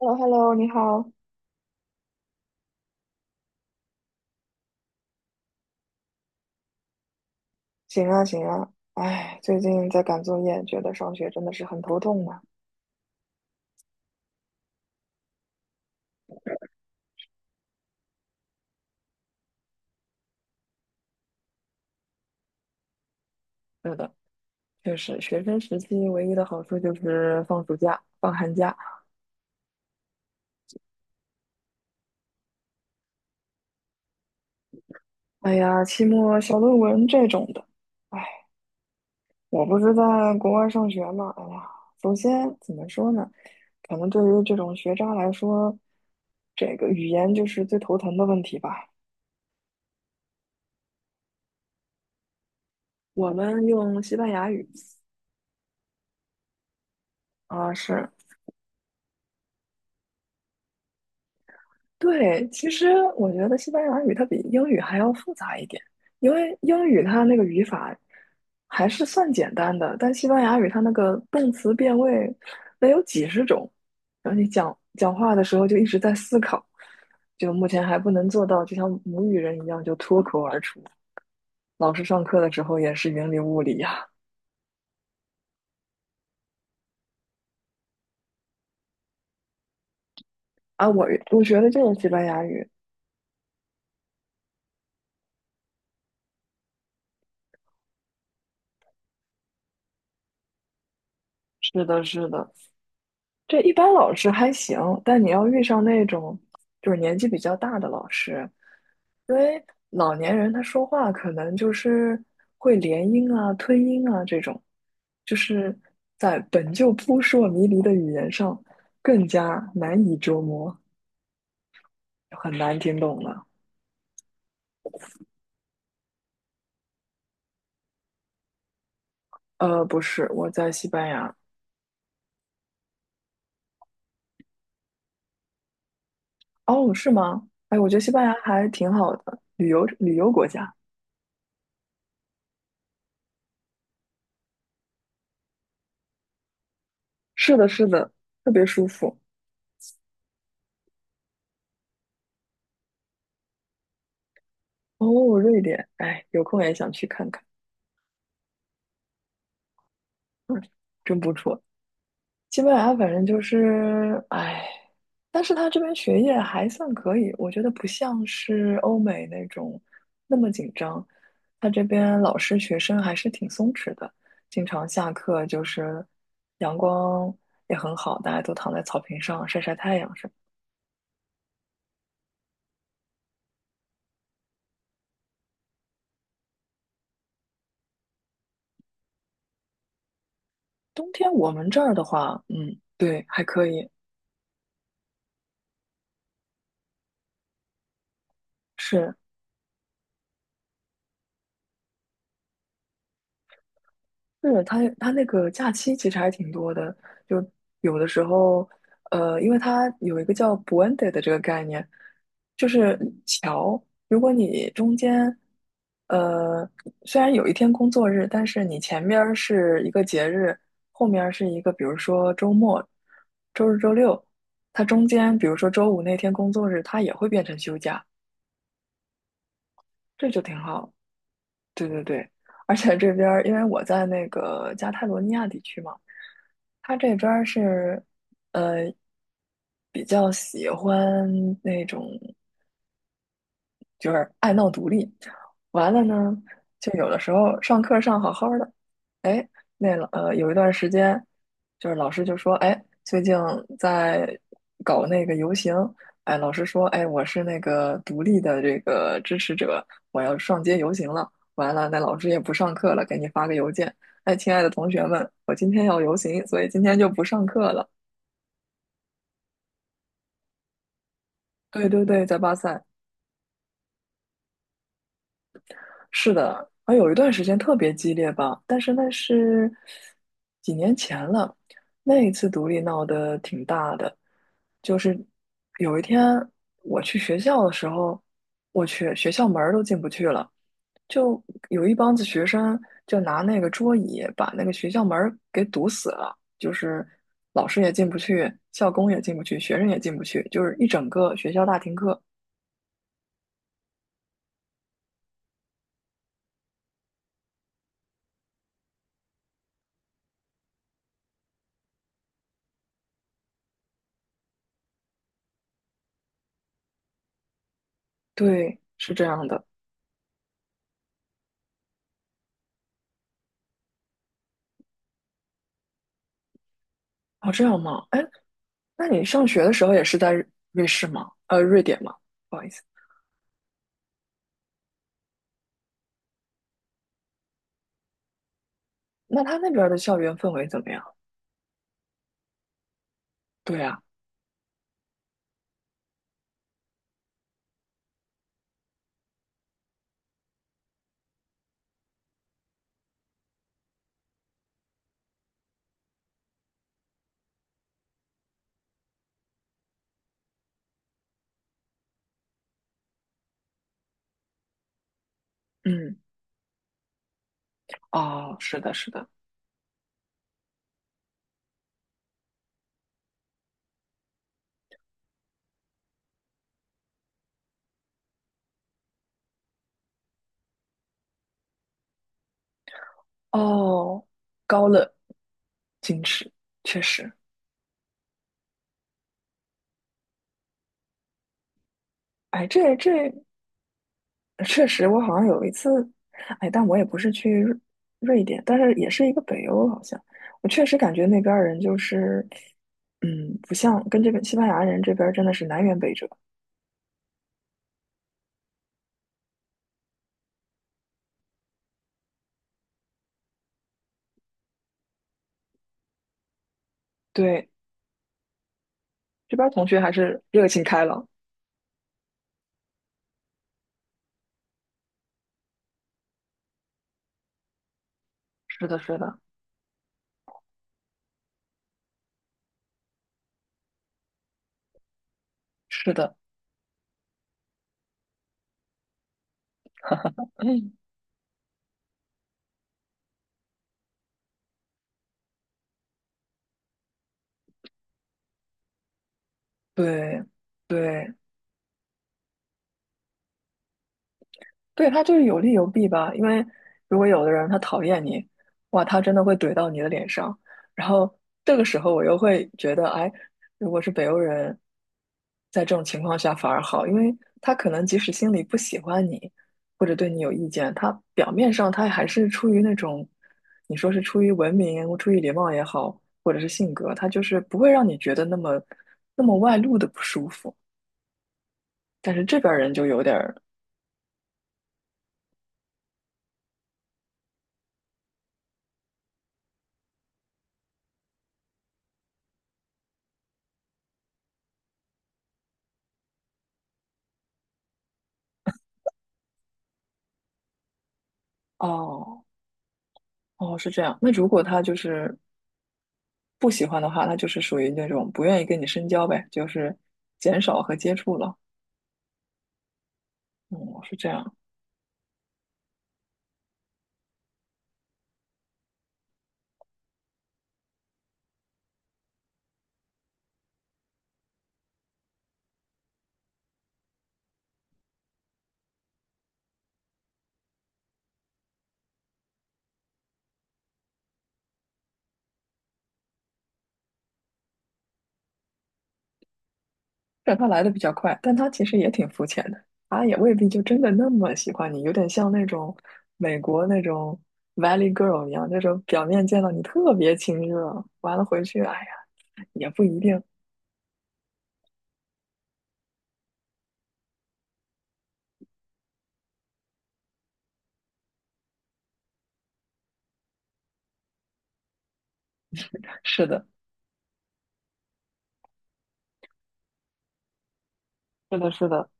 h e l l o h e l l o 你好。行啊，行啊。哎，最近在赶作业，觉得上学真的是很头痛啊。是的，确实，学生时期唯一的好处就是放暑假、放寒假。哎呀，期末小论文这种的，哎，我不是在国外上学嘛。哎呀，首先怎么说呢？可能对于这种学渣来说，这个语言就是最头疼的问题吧。我们用西班牙语，啊，是对，其实我觉得西班牙语它比英语还要复杂一点，因为英语它那个语法还是算简单的，但西班牙语它那个动词变位得有几十种，然后你讲话的时候就一直在思考，就目前还不能做到，就像母语人一样就脱口而出。老师上课的时候也是云里雾里呀、啊，我学的就是西班牙语，是的，是的，这一般老师还行，但你要遇上那种就是年纪比较大的老师，因为老年人他说话可能就是会连音啊、吞音啊这种，就是在本就扑朔迷离的语言上更加难以捉摸，很难听懂了。不是，我在西班牙。哦，是吗？哎，我觉得西班牙还挺好的，旅游旅游国家。是的，是的，特别舒服。哦，瑞典，哎，有空也想去看看。真不错。西班牙反正就是，哎，但是他这边学业还算可以，我觉得不像是欧美那种那么紧张。他这边老师学生还是挺松弛的，经常下课就是阳光也很好，大家都躺在草坪上晒晒太阳什么。冬天我们这儿的话，嗯，对，还可以，是。是他那个假期其实还挺多的，就有的时候，因为它有一个叫 "puente" 的这个概念，就是桥。如果你中间，呃，虽然有一天工作日，但是你前面儿是一个节日，后面儿是一个，比如说周末、周日、周六，它中间，比如说周五那天工作日，它也会变成休假，这就挺好。对对对，而且这边儿因为我在那个加泰罗尼亚地区嘛，他这边儿是呃比较喜欢那种。就是爱闹独立。完了呢，就有的时候上课上好好的，哎，那有一段时间，就是老师就说，哎，最近在搞那个游行，哎，老师说，哎，我是那个独立的这个支持者，我要上街游行了。完了，那老师也不上课了，给你发个邮件，哎，亲爱的同学们，我今天要游行，所以今天就不上课了。对对对，在巴塞。是的，啊，有一段时间特别激烈吧，但是那是几年前了。那一次独立闹得挺大的，就是有一天我去学校的时候，我去学校门儿都进不去了，就有一帮子学生就拿那个桌椅把那个学校门儿给堵死了，就是老师也进不去，校工也进不去，学生也进不去，就是一整个学校大停课。对，是这样的。哦，这样吗？哎，那你上学的时候也是在瑞典吗？不好意思，那他那边儿的校园氛围怎么样？对啊，嗯，哦，是的，是的，哦，高冷，矜持，确实，哎，这确实，我好像有一次，哎，但我也不是去瑞典，但是也是一个北欧，好像我确实感觉那边儿人就是，嗯，不像跟这边西班牙人这边儿真的是南辕北辙。对，这边儿同学还是热情开朗。是的，是的。是的，嗯，对，对，对，他就是有利有弊吧。因为如果有的人他讨厌你，哇，他真的会怼到你的脸上。然后这个时候我又会觉得，哎，如果是北欧人，在这种情况下反而好，因为他可能即使心里不喜欢你，或者对你有意见，他表面上他还是出于那种，你说是出于文明、出于礼貌也好，或者是性格，他就是不会让你觉得那么那么外露的不舒服。但是这边儿人就有点儿，哦哦，是这样。那如果他就是不喜欢的话，他就是属于那种不愿意跟你深交呗，就是减少和接触了。嗯，是这样。虽然他来的比较快，但他其实也挺肤浅的，他也未必就真的那么喜欢你，有点像那种美国那种 Valley Girl 一样，那种表面见到你特别亲热，完了回去，哎呀，也不一定。是的，是的，是的。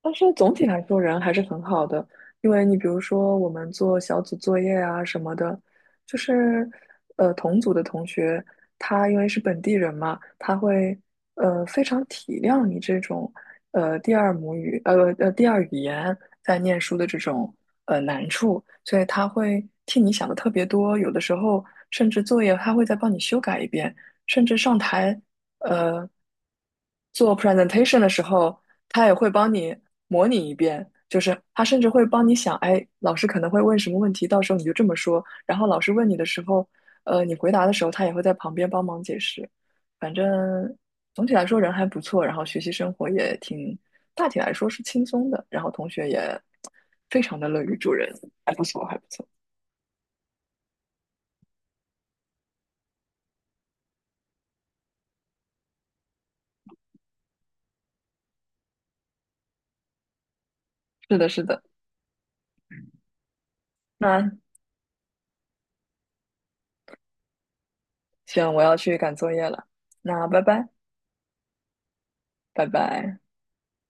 但是总体来说，人还是很好的，因为你比如说我们做小组作业啊什么的，就是同组的同学，他因为是本地人嘛，他会非常体谅你这种第二语言在念书的这种难处，所以他会替你想的特别多，有的时候甚至作业他会再帮你修改一遍，甚至上台。呃做 presentation 的时候，他也会帮你模拟一遍，就是他甚至会帮你想，哎，老师可能会问什么问题，到时候你就这么说。然后老师问你的时候，你回答的时候，他也会在旁边帮忙解释。反正总体来说人还不错，然后学习生活也挺，大体来说是轻松的，然后同学也非常的乐于助人，还不错，还不错。是的，是的。那行，我要去赶作业了。那拜拜，拜拜。